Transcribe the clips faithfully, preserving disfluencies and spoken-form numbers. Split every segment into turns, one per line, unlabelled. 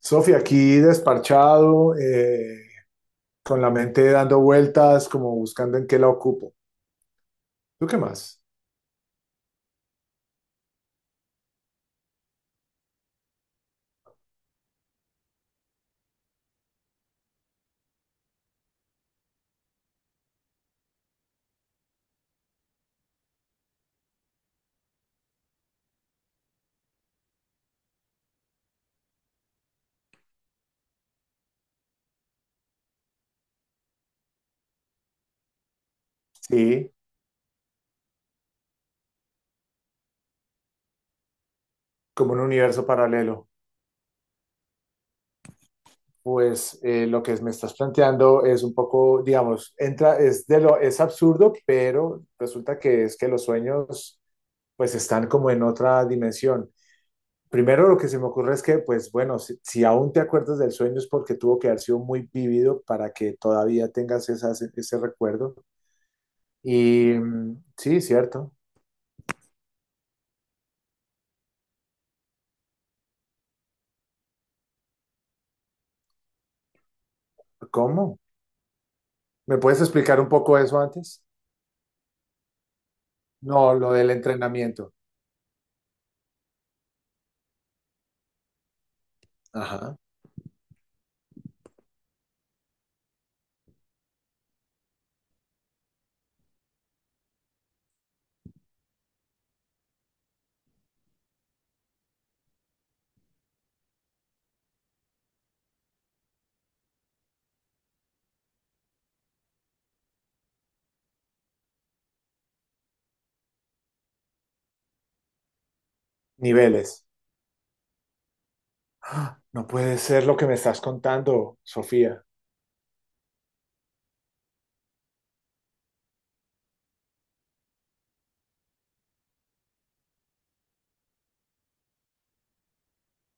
Sofía, aquí desparchado, eh, con la mente dando vueltas, como buscando en qué la ocupo. ¿Tú qué más? Sí, como un universo paralelo. Pues eh, lo que me estás planteando es un poco, digamos, entra, es, de lo, es absurdo, pero resulta que es que los sueños pues están como en otra dimensión. Primero lo que se me ocurre es que, pues bueno, si, si aún te acuerdas del sueño es porque tuvo que haber sido muy vívido para que todavía tengas esas- ese recuerdo. Y mm, sí, cierto. ¿Cómo? ¿Me puedes explicar un poco eso antes? No, lo del entrenamiento. Ajá. Niveles. ¡Ah! No puede ser lo que me estás contando, Sofía.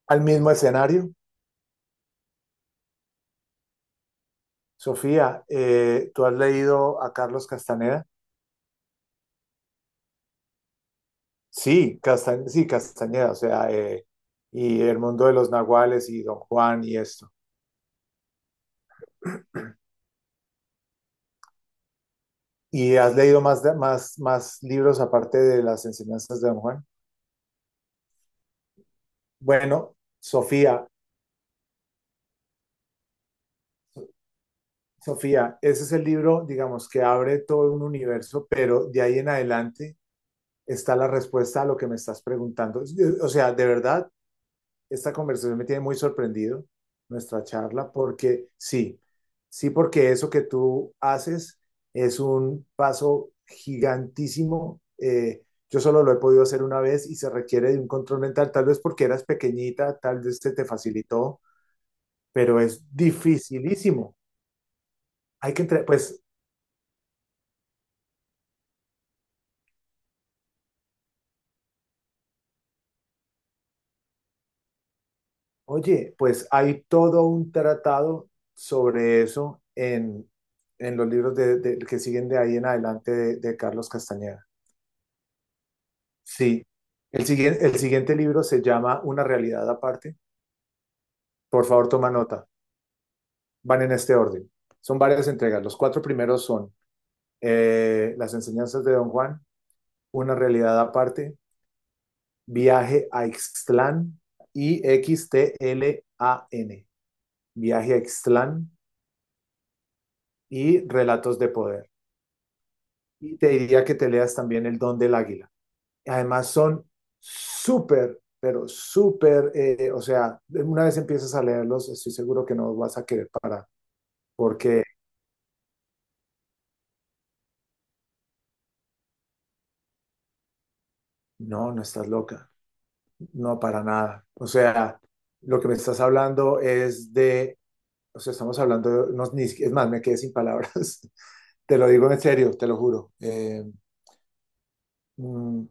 ¿Al mismo escenario? Sofía, eh, ¿tú has leído a Carlos Castaneda? Sí, Casta- sí, Castañeda, o sea, eh, y El mundo de los nahuales y Don Juan y esto. ¿Y has leído más, de- más, más libros aparte de las enseñanzas de Don Juan? Bueno, Sofía, Sofía, ese es el libro, digamos, que abre todo un universo, pero de ahí en adelante está la respuesta a lo que me estás preguntando. O sea, de verdad, esta conversación me tiene muy sorprendido, nuestra charla, porque sí, sí, porque eso que tú haces es un paso gigantísimo. Eh, yo solo lo he podido hacer una vez y se requiere de un control mental, tal vez porque eras pequeñita, tal vez se te facilitó, pero es dificilísimo. Hay que entre- pues Oye, pues hay todo un tratado sobre eso en, en los libros de, de- que siguen de ahí en adelante de, de Carlos Castañeda. Sí. El siguiente, el siguiente libro se llama Una realidad aparte. Por favor, toma nota. Van en este orden. Son varias entregas. Los cuatro primeros son eh, Las enseñanzas de Don Juan, Una realidad aparte, Viaje a Ixtlán y XTLAN. Viaje a Ixtlán y Relatos de Poder. Y te diría que te leas también El Don del Águila. Además son súper, pero súper, eh, o sea, una vez empiezas a leerlos, estoy seguro que no vas a querer parar, porque no, no estás loca, no para nada. O sea, lo que me estás hablando es de, o sea, estamos hablando, de, no, ni, si, es más, me quedé sin palabras, te lo digo en serio, te lo juro. Eh, mmm,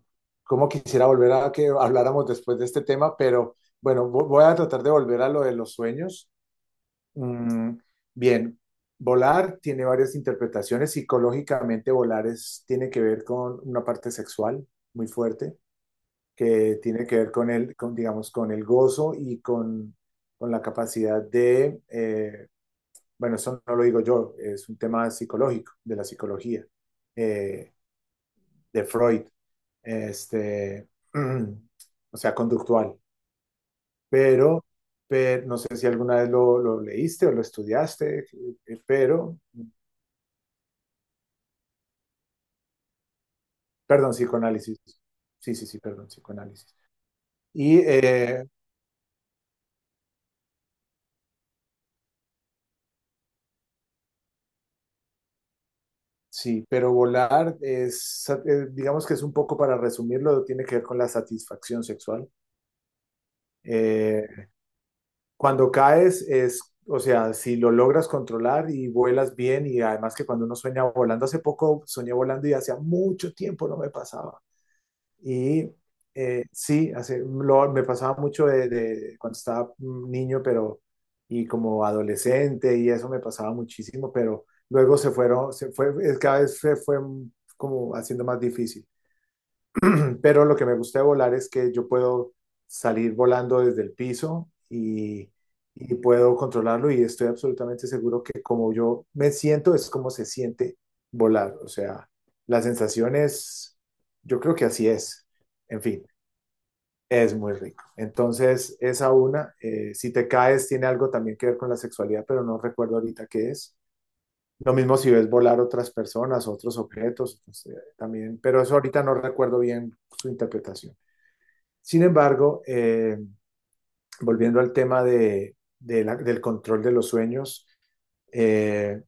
como quisiera volver a que habláramos después de este tema, pero bueno, voy a tratar de volver a lo de los sueños. Mm, bien, volar tiene varias interpretaciones. Psicológicamente, volar es- tiene que ver con una parte sexual muy fuerte, que tiene que ver con el, con, digamos, con el gozo y con, con la capacidad de, eh, bueno, eso no lo digo yo, es un tema psicológico, de la psicología, eh, de Freud, este, o sea, conductual. Pero, pero no sé si alguna vez lo, lo leíste o lo estudiaste, eh, pero Perdón, psicoanálisis. Sí, sí, sí, perdón, psicoanálisis. Y eh, sí, pero volar es, eh, digamos que es un poco para resumirlo, tiene que ver con la satisfacción sexual. Eh, cuando caes es, o sea, si lo logras controlar y vuelas bien y además que cuando uno sueña volando, hace poco soñé volando y hacía mucho tiempo no me pasaba. Y eh, sí, hace, lo- me pasaba mucho de, de cuando estaba niño, pero y como adolescente y eso me pasaba muchísimo, pero luego se fueron, se fue, es, cada vez se fue como haciendo más difícil. Pero lo que me gusta de volar es que yo puedo salir volando desde el piso y, y puedo controlarlo y estoy absolutamente seguro que como yo me siento es como se siente volar. O sea, la sensación es, yo creo que así es. En fin. Es muy rico. Entonces, esa una, eh, si te caes, tiene algo también que ver con la sexualidad, pero no recuerdo ahorita qué es. Lo mismo si ves volar otras personas, otros objetos, pues, eh, también, pero eso ahorita no recuerdo bien su interpretación. Sin embargo, eh, volviendo al tema de, de la- del control de los sueños, eh,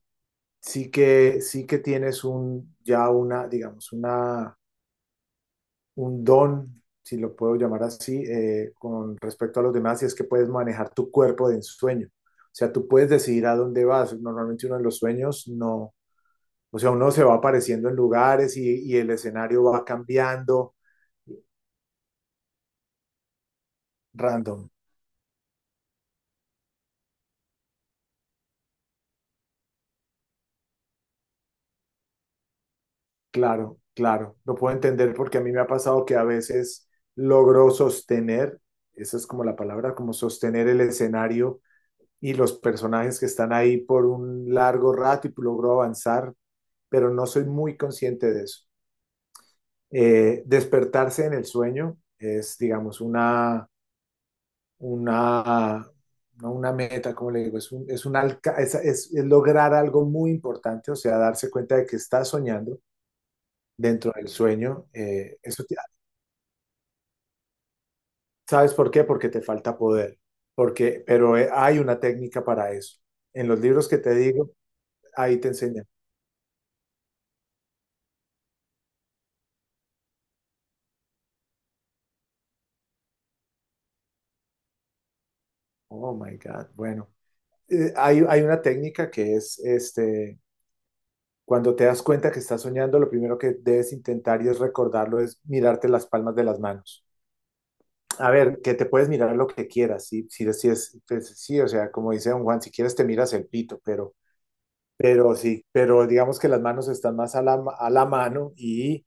sí que, sí que tienes un, ya una, digamos, una un don, si lo puedo llamar así, eh, con respecto a los demás, y es que puedes manejar tu cuerpo de ensueño. O sea, tú puedes decidir a dónde vas. Normalmente uno en los sueños no, o sea, uno se va apareciendo en lugares y, y el escenario va cambiando random. Claro, claro. Lo puedo entender porque a mí me ha pasado que a veces logro sostener, esa es como la palabra, como sostener el escenario y los personajes que están ahí por un largo rato y logro avanzar pero no soy muy consciente de eso. Eh, despertarse en el sueño es, digamos, una, una, no una meta, como le digo, es, un, es, un alca es, es, es, lograr algo muy importante, o sea, darse cuenta de que estás soñando dentro del sueño. Eh, eso te, ¿Sabes por qué? Porque te falta poder, porque, pero eh, hay una técnica para eso. En los libros que te digo, ahí te enseñan. Oh, my God, bueno. Eh, hay, hay una técnica que es, este, cuando te das cuenta que estás soñando, lo primero que debes intentar y es recordarlo, es mirarte las palmas de las manos. A ver, que te puedes mirar lo que quieras, sí, sí, sí, es, pues, sí, o sea, como dice don Juan, si quieres te miras el pito, pero, pero sí, pero digamos que las manos están más a la, a la mano y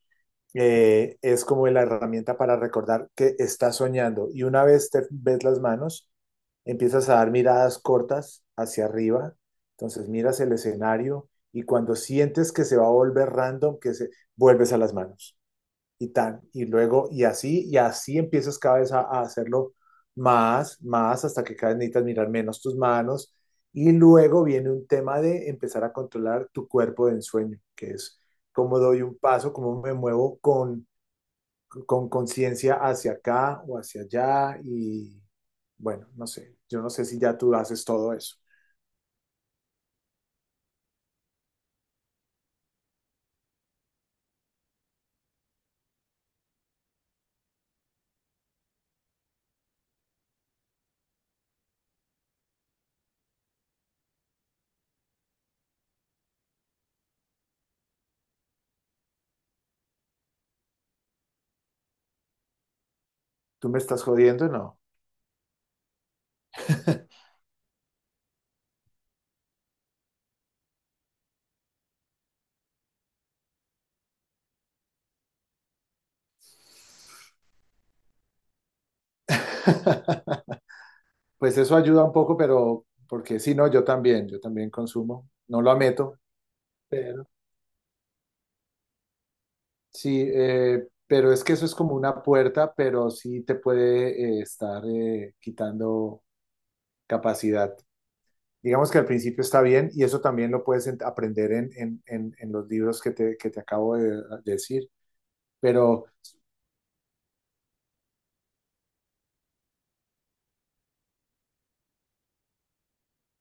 eh, es como la herramienta para recordar que estás soñando. Y una vez te ves las manos, empiezas a dar miradas cortas hacia arriba. Entonces miras el escenario y cuando sientes que se va a volver random, que se vuelves a las manos y tan, y luego, y así, y así empiezas cada vez a, a hacerlo más, más, hasta que cada vez necesitas mirar menos tus manos. Y luego viene un tema de empezar a controlar tu cuerpo de ensueño, que es cómo doy un paso, cómo me muevo con con conciencia hacia acá o hacia allá. Y bueno, no sé, yo no sé si ya tú haces todo eso. ¿Tú me estás jodiendo? No. Pues eso ayuda un poco, pero porque si no, yo también, yo también consumo. No lo ameto, pero, sí, eh, pero es que eso es como una puerta, pero sí te puede eh, estar eh, quitando capacidad. Digamos que al principio está bien y eso también lo puedes en- aprender en, en- en- en los libros que te, que te acabo de decir, pero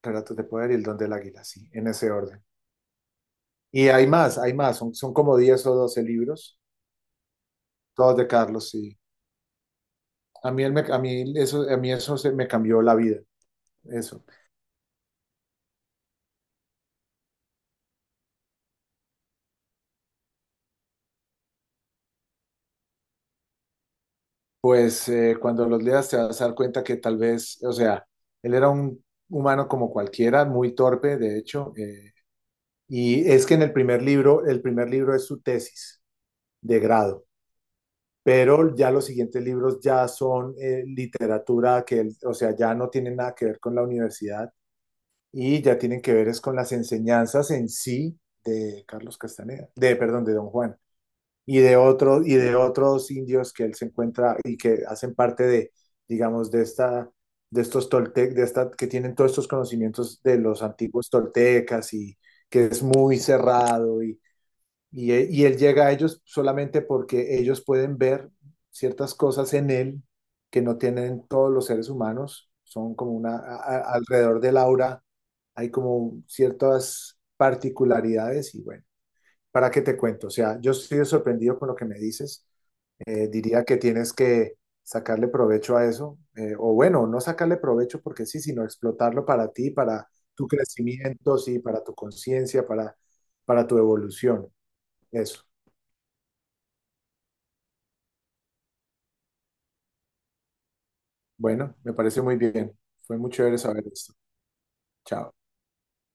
Relatos de Poder y El Don del Águila, sí, en ese orden. Y hay más, hay más, son, son como diez o doce libros, todos de Carlos, sí. A mí, él me- a mí eso, a mí eso se, me cambió la vida, eso. Pues eh, cuando los leas te vas a dar cuenta que tal vez, o sea, él era un humano como cualquiera, muy torpe, de hecho, eh, y es que en el primer libro, el primer libro es su tesis de grado, pero ya los siguientes libros ya son eh, literatura que, él- o sea, ya no tienen nada que ver con la universidad y ya tienen que ver es con las enseñanzas en sí de Carlos Castaneda, de, perdón, de Don Juan y de otros y de otros indios que él se encuentra y que hacen parte de, digamos, de esta de estos toltec, de esta que tienen todos estos conocimientos de los antiguos toltecas y que es muy cerrado y y, e- y él llega a ellos solamente porque ellos pueden ver ciertas cosas en él que no tienen todos los seres humanos, son como una a- a- alrededor del aura hay como ciertas particularidades y bueno, ¿para qué te cuento? O sea, yo estoy sorprendido con lo que me dices. Eh, diría que tienes que sacarle provecho a eso, eh, o bueno, no sacarle provecho porque sí, sino explotarlo para ti, para tu crecimiento, sí, para tu conciencia, para, para tu evolución. Eso. Bueno, me parece muy bien. Fue muy chévere saber esto. Chao.